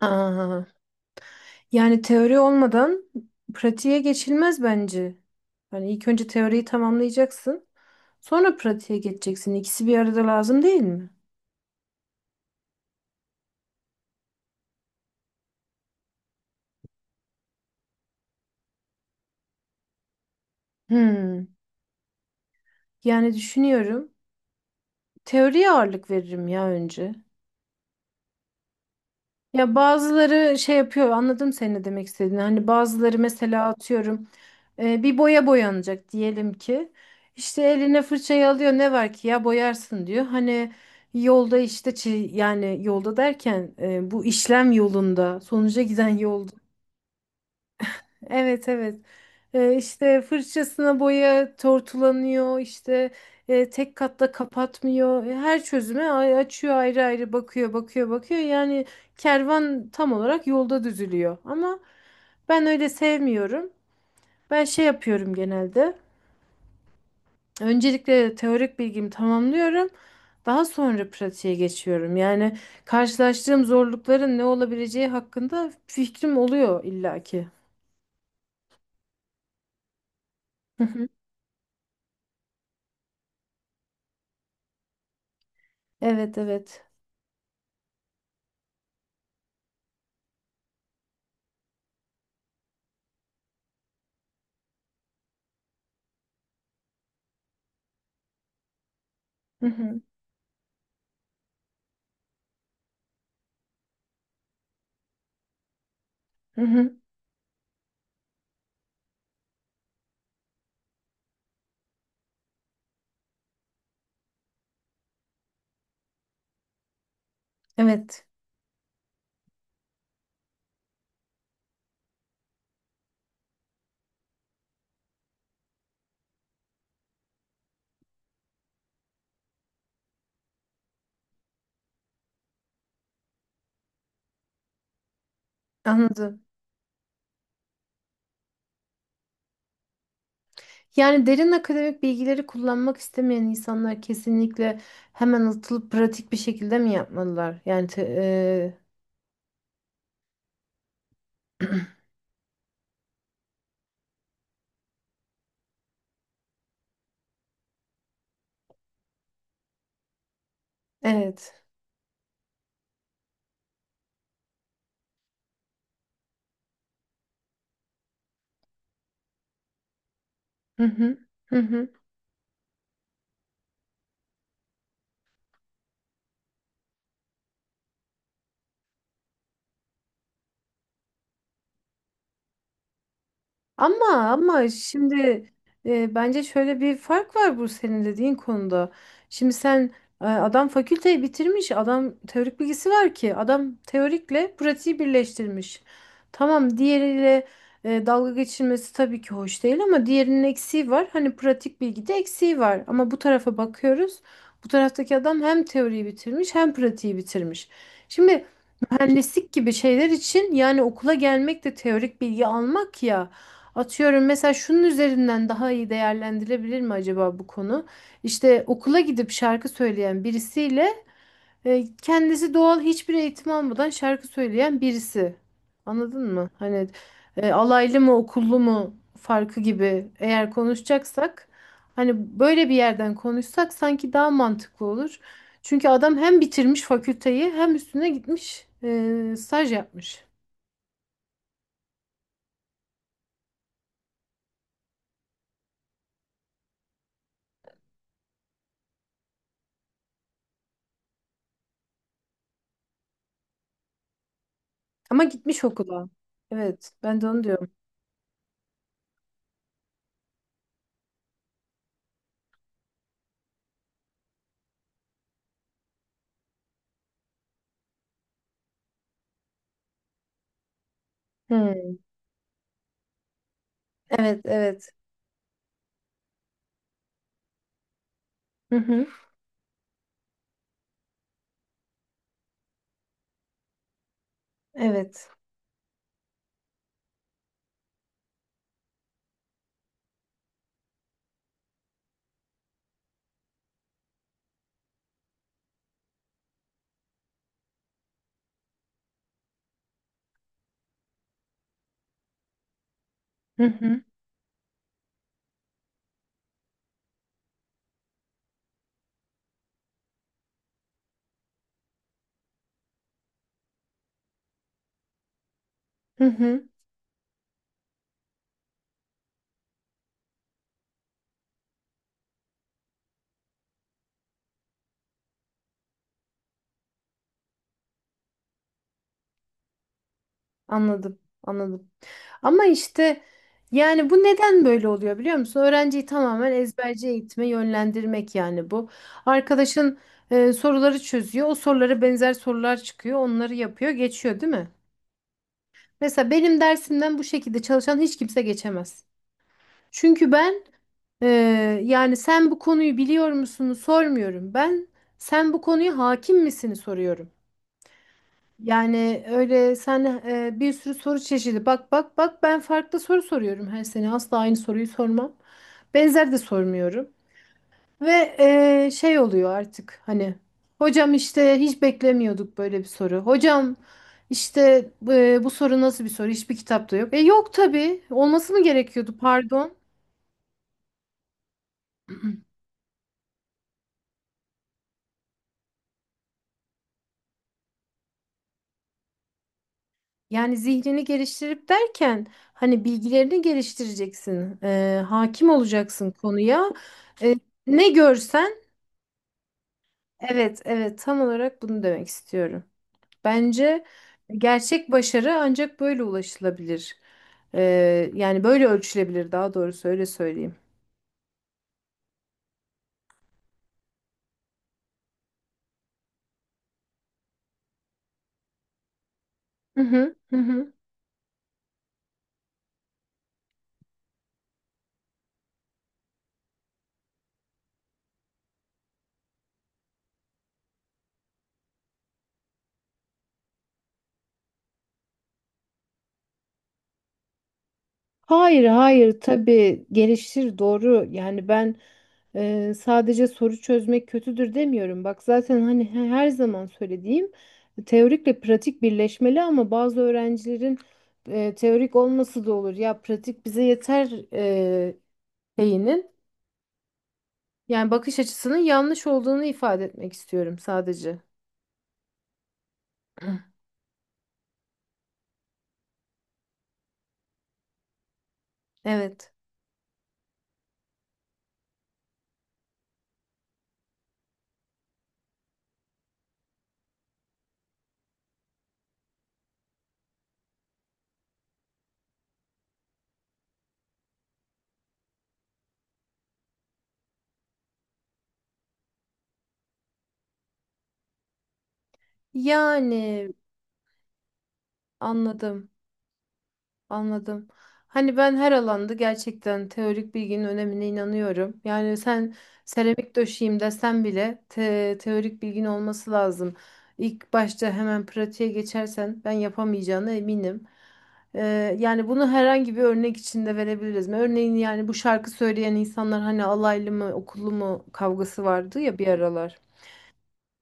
Aa, yani teori olmadan pratiğe geçilmez bence. Hani ilk önce teoriyi tamamlayacaksın, sonra pratiğe geçeceksin. İkisi bir arada lazım değil mi? Hmm. Yani düşünüyorum. Teoriye ağırlık veririm ya önce. Ya bazıları şey yapıyor anladım senin ne demek istediğini. Hani bazıları mesela atıyorum bir boya boyanacak diyelim ki. İşte eline fırçayı alıyor ne var ki ya boyarsın diyor. Hani yolda işte yani yolda derken bu işlem yolunda sonuca giden yolda. Evet evet. İşte fırçasına boya tortulanıyor, işte tek katta kapatmıyor. E, her çözüme açıyor ayrı ayrı bakıyor, bakıyor, bakıyor. Yani kervan tam olarak yolda düzülüyor. Ben öyle sevmiyorum. Ben şey yapıyorum genelde. Öncelikle teorik bilgimi tamamlıyorum. Daha sonra pratiğe geçiyorum. Yani karşılaştığım zorlukların ne olabileceği hakkında fikrim oluyor illaki. Hı hı. Evet, evet. Hı hı. Hı hı. Evet. Anladım. Yani derin akademik bilgileri kullanmak istemeyen insanlar kesinlikle hemen atılıp pratik bir şekilde mi yapmalılar? Yani te- e, evet. Hı hı. Hı hı. Ama ama şimdi bence şöyle bir fark var bu senin dediğin konuda. Şimdi sen adam fakülteyi bitirmiş, adam teorik bilgisi var ki, adam teorikle pratiği birleştirmiş. Tamam diğeriyle dalga geçilmesi tabii ki hoş değil ama diğerinin eksiği var. Hani pratik bilgide eksiği var ama bu tarafa bakıyoruz. Bu taraftaki adam hem teoriyi bitirmiş hem pratiği bitirmiş. Şimdi mühendislik gibi şeyler için yani okula gelmek de teorik bilgi almak ya. Atıyorum mesela şunun üzerinden daha iyi değerlendirilebilir mi acaba bu konu? İşte okula gidip şarkı söyleyen birisiyle kendisi doğal hiçbir eğitim almadan şarkı söyleyen birisi. Anladın mı? Hani alaylı mı okullu mu farkı gibi eğer konuşacaksak hani böyle bir yerden konuşsak sanki daha mantıklı olur. Çünkü adam hem bitirmiş fakülteyi hem üstüne gitmiş staj yapmış. Ama gitmiş okula. Evet, ben de onu diyorum. Hmm, evet, evet. Hı hı. Evet. Hı hı. Hı hı. Anladım. Anladım. Ama işte yani bu neden böyle oluyor biliyor musun? Öğrenciyi tamamen ezberci eğitime yönlendirmek yani bu. Arkadaşın soruları çözüyor. O sorulara benzer sorular çıkıyor. Onları yapıyor, geçiyor değil mi? Mesela benim dersimden bu şekilde çalışan hiç kimse geçemez. Çünkü ben e, yani sen bu konuyu biliyor musun sormuyorum. Ben sen bu konuya hakim misini soruyorum. Yani öyle sen bir sürü soru çeşidi. Bak bak bak ben farklı soru soruyorum her sene. Asla aynı soruyu sormam. Benzer de sormuyorum. Ve şey oluyor artık hani hocam işte hiç beklemiyorduk böyle bir soru. Hocam işte bu soru nasıl bir soru? Hiçbir kitapta yok. E yok tabii. Olması mı gerekiyordu? Pardon. Yani zihnini geliştirip derken hani bilgilerini geliştireceksin. E, hakim olacaksın konuya. E, ne görsen evet, evet tam olarak bunu demek istiyorum. Bence gerçek başarı ancak böyle ulaşılabilir. Yani böyle ölçülebilir daha doğrusu öyle söyleyeyim. Hı hı, hı hı. Hayır, hayır tabii gelişir doğru. Yani ben sadece soru çözmek kötüdür demiyorum. Bak zaten hani her zaman söylediğim teorikle pratik birleşmeli ama bazı öğrencilerin teorik olması da olur. Ya pratik bize yeter şeyinin. Yani bakış açısının yanlış olduğunu ifade etmek istiyorum sadece. Evet. Yani anladım, anladım. Hani ben her alanda gerçekten teorik bilginin önemine inanıyorum. Yani sen seramik döşeyim desen bile teorik bilgin olması lazım. İlk başta hemen pratiğe geçersen ben yapamayacağına eminim. Yani bunu herhangi bir örnek içinde verebiliriz mi? Örneğin yani bu şarkı söyleyen insanlar hani alaylı mı, okullu mu kavgası vardı ya bir aralar.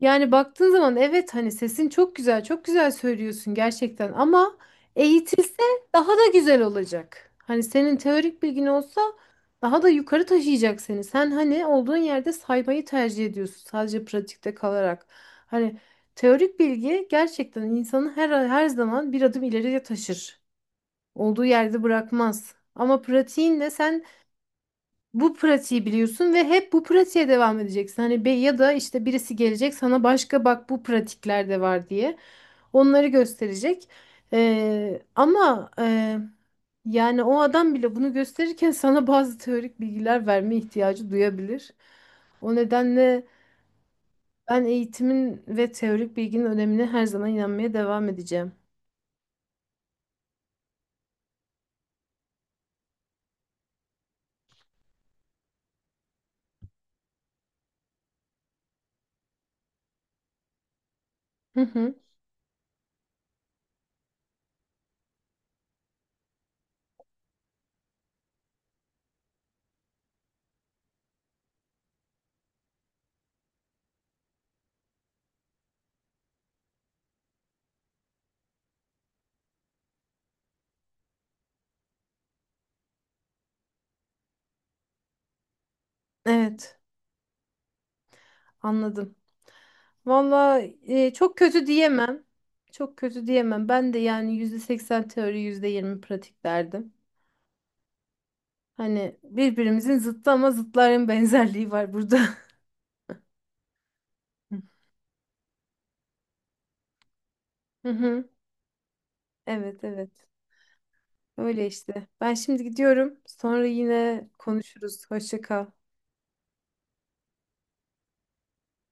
Yani baktığın zaman evet hani sesin çok güzel, çok güzel söylüyorsun gerçekten ama eğitilse daha da güzel olacak. Hani senin teorik bilgin olsa daha da yukarı taşıyacak seni. Sen hani olduğun yerde saymayı tercih ediyorsun sadece pratikte kalarak. Hani teorik bilgi gerçekten insanı her zaman bir adım ileriye taşır. Olduğu yerde bırakmaz. Ama pratiğinle sen bu pratiği biliyorsun ve hep bu pratiğe devam edeceksin. Hani be ya da işte birisi gelecek sana başka bak bu pratikler de var diye onları gösterecek. Ama yani o adam bile bunu gösterirken sana bazı teorik bilgiler verme ihtiyacı duyabilir. O nedenle ben eğitimin ve teorik bilginin önemine her zaman inanmaya devam edeceğim. Hı hı. Evet. Anladım. Valla çok kötü diyemem. Çok kötü diyemem. Ben de yani %80 teori, %20 pratik derdim. Hani birbirimizin zıttı ama zıtların benzerliği var burada. Hı hı. Evet evet. Öyle işte. Ben şimdi gidiyorum. Sonra yine konuşuruz. Hoşça kal.